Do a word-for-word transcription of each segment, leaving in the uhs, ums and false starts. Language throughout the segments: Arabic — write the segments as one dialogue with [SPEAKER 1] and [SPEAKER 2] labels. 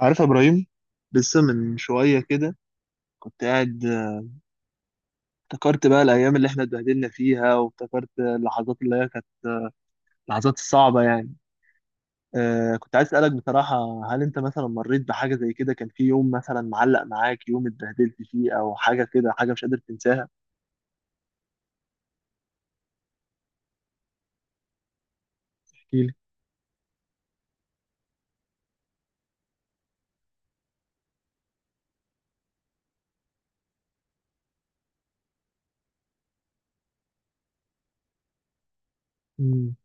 [SPEAKER 1] عارف يا ابراهيم؟ لسه من شويه كده كنت قاعد، آه، افتكرت بقى الايام اللي احنا اتبهدلنا فيها، وافتكرت اللحظات اللي هي كانت اللحظات الصعبه يعني. أه كنت عايز اسالك بصراحه، هل انت مثلا مريت بحاجه زي كده؟ كان في يوم مثلا معلق معاك، يوم اتبهدلت فيه او حاجه كده، حاجه مش قادر تنساها؟ احكي لي. امم.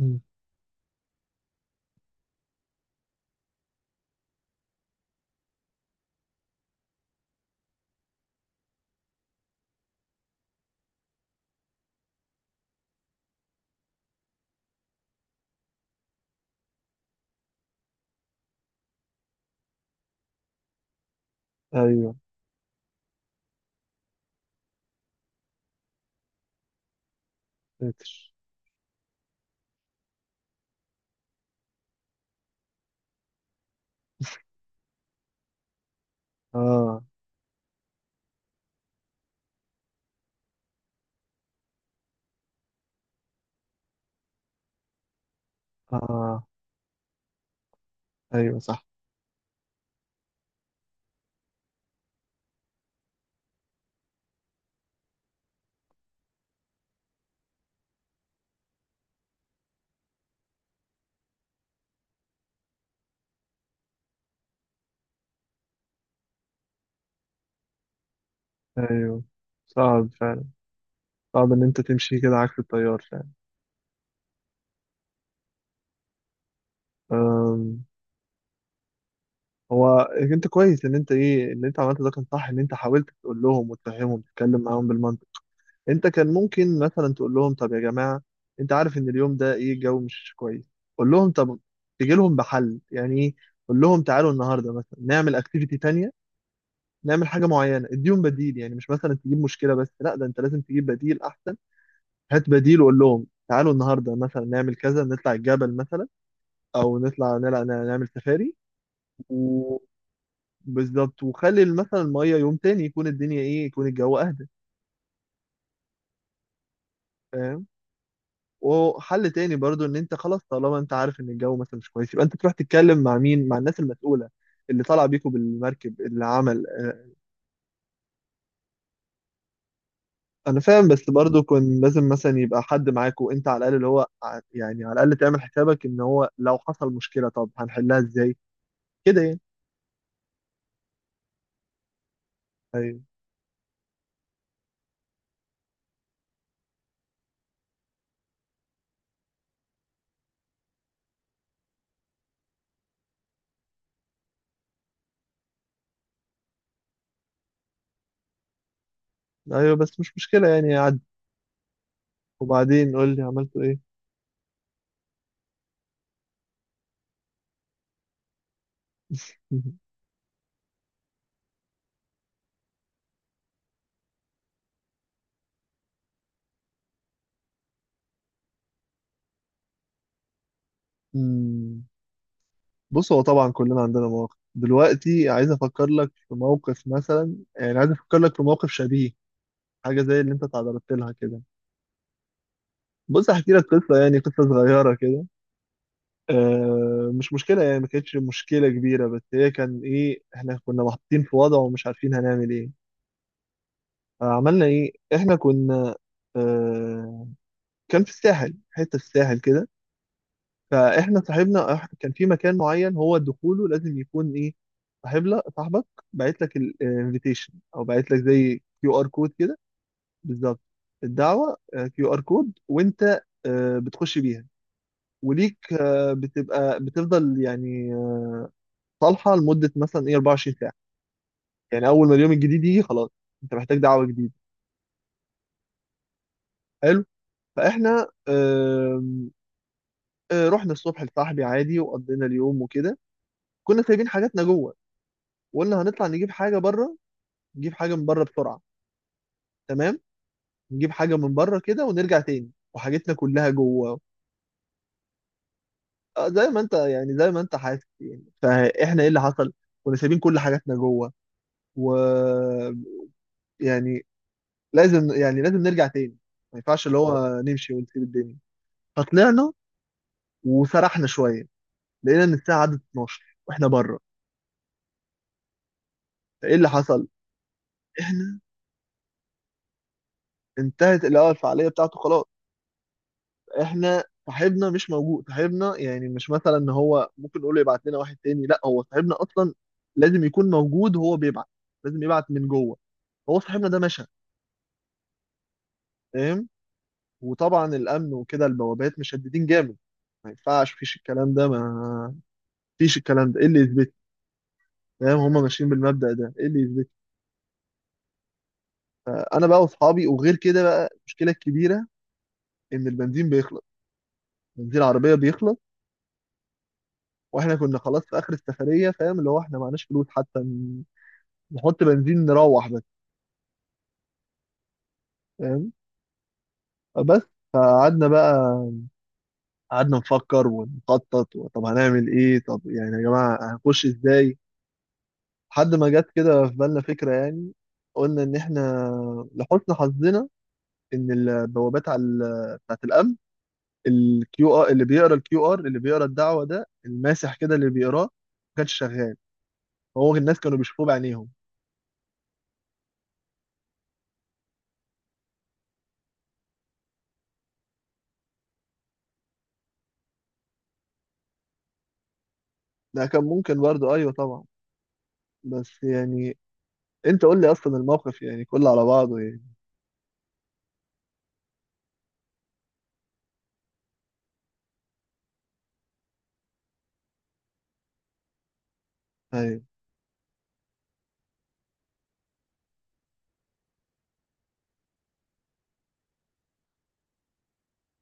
[SPEAKER 1] أمم. ايوه. فاكر. اه. اه. ايوه صح. ايوه، صعب فعلا. صعب ان انت تمشي كده عكس التيار. فعلا. هو انت كويس ان انت ايه، ان انت عملت ده كان صح، ان انت حاولت تقول لهم وتفهمهم، تتكلم معاهم بالمنطق. انت كان ممكن مثلا تقول لهم: طب يا جماعه، انت عارف ان اليوم ده ايه، الجو مش كويس. قول لهم طب، تيجي لهم بحل يعني، ايه، قول لهم تعالوا النهارده مثلا نعمل اكتيفيتي تانية، نعمل حاجه معينه، اديهم بديل. يعني مش مثلا تجيب مشكله بس، لا، ده انت لازم تجيب بديل احسن. هات بديل وقول لهم تعالوا النهارده مثلا نعمل كذا، نطلع الجبل مثلا، او نطلع نلع- نعمل سفاري. بالظبط. وخلي مثلا الميه يوم تاني، يكون الدنيا ايه، يكون الجو اهدى. فاهم. وحل تاني برضو، ان انت خلاص طالما انت عارف ان الجو مثلا مش كويس، يبقى انت تروح تتكلم مع مين، مع الناس المسؤوله اللي طالع بيكوا بالمركب، اللي عمل آه، انا فاهم. بس برضو كان لازم مثلا يبقى حد معاكوا، انت على الاقل اللي هو ع- يعني على الاقل تعمل حسابك ان هو لو حصل مشكله طب هنحلها ازاي، كده يعني. ايوه. ايوه، بس مش مشكله يعني، عدي. وبعدين قول لي، عملتوا ايه؟ بص، هو طبعا كلنا عندنا مواقف، دلوقتي عايز افكر لك في موقف مثلا، يعني عايز افكر لك في موقف شبيه، حاجه زي اللي انت تعرضت لها كده. بص احكي لك قصه، يعني قصه صغيره كده. آه مش مشكله يعني، ما كانتش مشكله كبيره، بس هي كان ايه، احنا كنا محطين في وضع ومش عارفين هنعمل ايه. فعملنا ايه، احنا كنا، آه كان في الساحل، حته في الساحل كده. فاحنا صاحبنا إح- كان في مكان معين، هو دخوله لازم يكون ايه، صاحب لك، صاحبك باعت لك الانفيتيشن، او باعت لك زي كيو ار كود كده. بالظبط، الدعوه، كيو ار كود. وانت آه، بتخش بيها، وليك آه، بتبقى بتفضل يعني، آه، صالحه لمده مثلا ايه اربعة وعشرين ساعه، يعني اول ما اليوم الجديد يجي خلاص، انت محتاج دعوه جديده. حلو. فاحنا آه، آه، رحنا الصبح لصاحبي عادي، وقضينا اليوم وكده. كنا سايبين حاجاتنا جوه، وقلنا هنطلع نجيب حاجه بره، نجيب حاجه من بره بسرعه، تمام، نجيب حاجه من بره كده ونرجع تاني، وحاجتنا كلها جوه. آه، زي ما انت يعني زي ما انت حاسس يعني. فاحنا ايه اللي حصل، كنا سايبين كل حاجاتنا جوه، و يعني لازم يعني لازم نرجع تاني، ما ينفعش اللي هو نمشي ونسيب الدنيا. فطلعنا وسرحنا شويه، لقينا ان الساعه عدت اتناشر واحنا بره. فايه اللي حصل، احنا، انتهت اللي هو الفعاليه بتاعته خلاص. احنا صاحبنا مش موجود، صاحبنا يعني مش مثلا ان هو ممكن نقول له يبعت لنا واحد تاني، لا، هو صاحبنا اصلا لازم يكون موجود، وهو بيبعت لازم يبعت من جوه، هو صاحبنا ده مشى. فاهم. وطبعا الامن وكده البوابات مشددين جامد، ما ينفعش فيش الكلام ده، ما فيش الكلام ده ايه اللي يثبت، فاهم، هما ماشيين بالمبدأ ده، ايه اللي يثبت. انا بقى واصحابي، وغير كده بقى المشكله الكبيره ان البنزين بيخلص، بنزين العربيه بيخلص، واحنا كنا خلاص في اخر السفريه، فاهم اللي هو احنا معناش فلوس حتى نحط بنزين نروح بس، فاهم. بس فقعدنا بقى، قعدنا نفكر ونخطط، طب هنعمل ايه، طب يعني يا جماعة هنخش ازاي؟ لحد ما جت كده في بالنا فكرة يعني، قلنا ان احنا لحسن حظنا ان البوابات على ال- بتاعت الامن، الكيو ار اللي بيقرا، الكيو ار اللي بيقرا الدعوة ده، الماسح كده اللي بيقراه، ما كانش شغال. هو الناس كانوا بيشوفوه بعينيهم. لا كان ممكن برضه، ايوه طبعا، بس يعني انت قول لي اصلا الموقف يعني كله على بعضه، يعني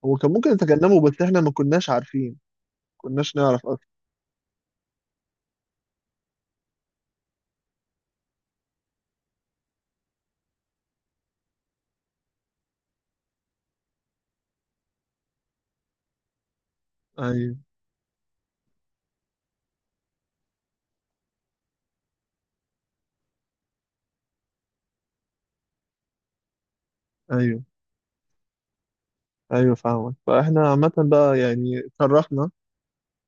[SPEAKER 1] هو كان ممكن يتجنبه بس احنا ما كناش عارفين، كناش نعرف اصلا. ايوه. ايوه. ايوه فاهمك. فاحنا عامة بقى يعني اتشرفنا،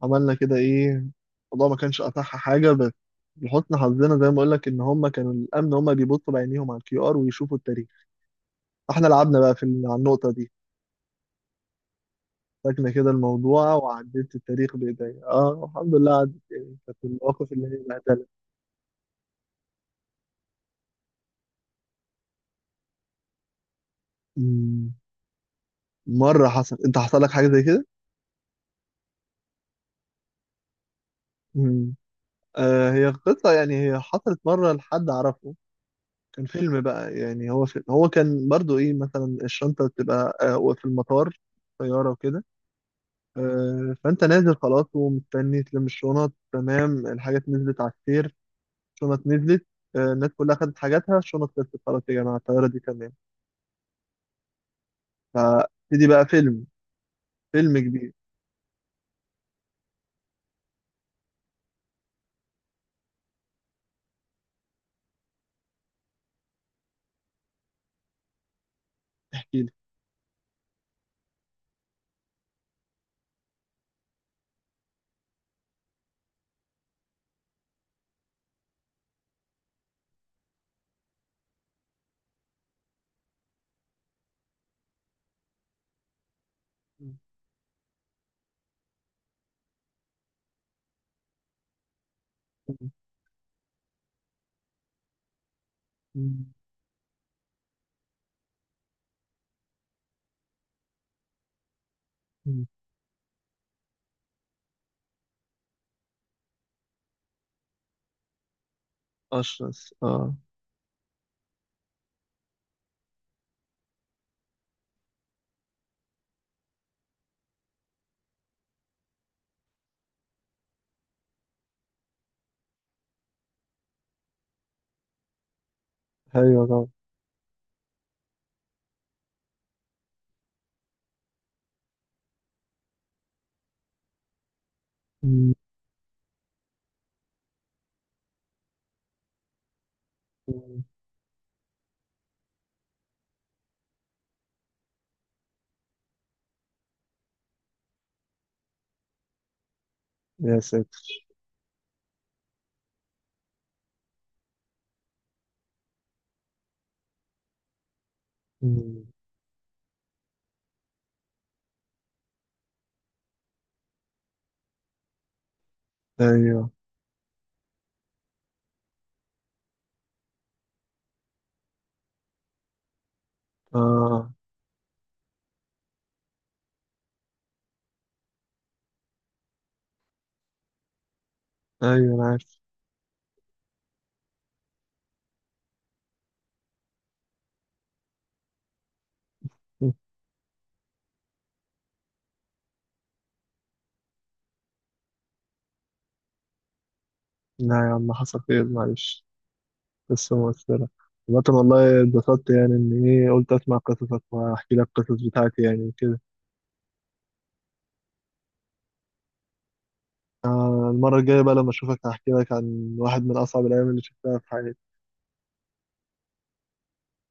[SPEAKER 1] عملنا كده ايه، الموضوع ما كانش اصح حاجة، بس لحسن حظنا زي ما اقول لك ان هم كانوا الامن هم بيبصوا بعينيهم على الكيو ار ويشوفوا التاريخ، فاحنا لعبنا بقى في ال- على النقطة دي. فاكنا كده الموضوع، وعديت التاريخ بايديا، اه الحمد لله عدت يعني، كانت المواقف اللي هي بهدلة. مم. مرة حصل، انت حصل لك حاجة زي كده؟ آه، هي قصة يعني، هي حصلت مرة لحد أعرفه، كان فيلم بقى يعني. هو فيلم هو كان برضو إيه، مثلا الشنطة بتبقى آه في المطار، طيارة وكده. آه، فأنت نازل خلاص ومستني تلم الشنط، تمام، الحاجات نزلت على السير، الشنط نزلت، آه الناس كلها خدت حاجاتها، الشنط خلصت خلاص يا جماعة، الطيارة دي تمام. فابتدي بقى فيلم، فيلم كبير. احكي لي. أشرس، آه. أيوة طبعا. مم. يا ساتر. مم. ايوه. آه. أيوة أنا عارف. لا يا عم حصل خير، معلش. قصة مؤثرة. عامة والله اتبسطت يعني، إن إيه، قلت أسمع قصصك وأحكي لك القصص بتاعتي يعني وكده. آه، المرة الجاية بقى لما أشوفك هحكي لك عن واحد من أصعب الأيام اللي شفتها في حياتي.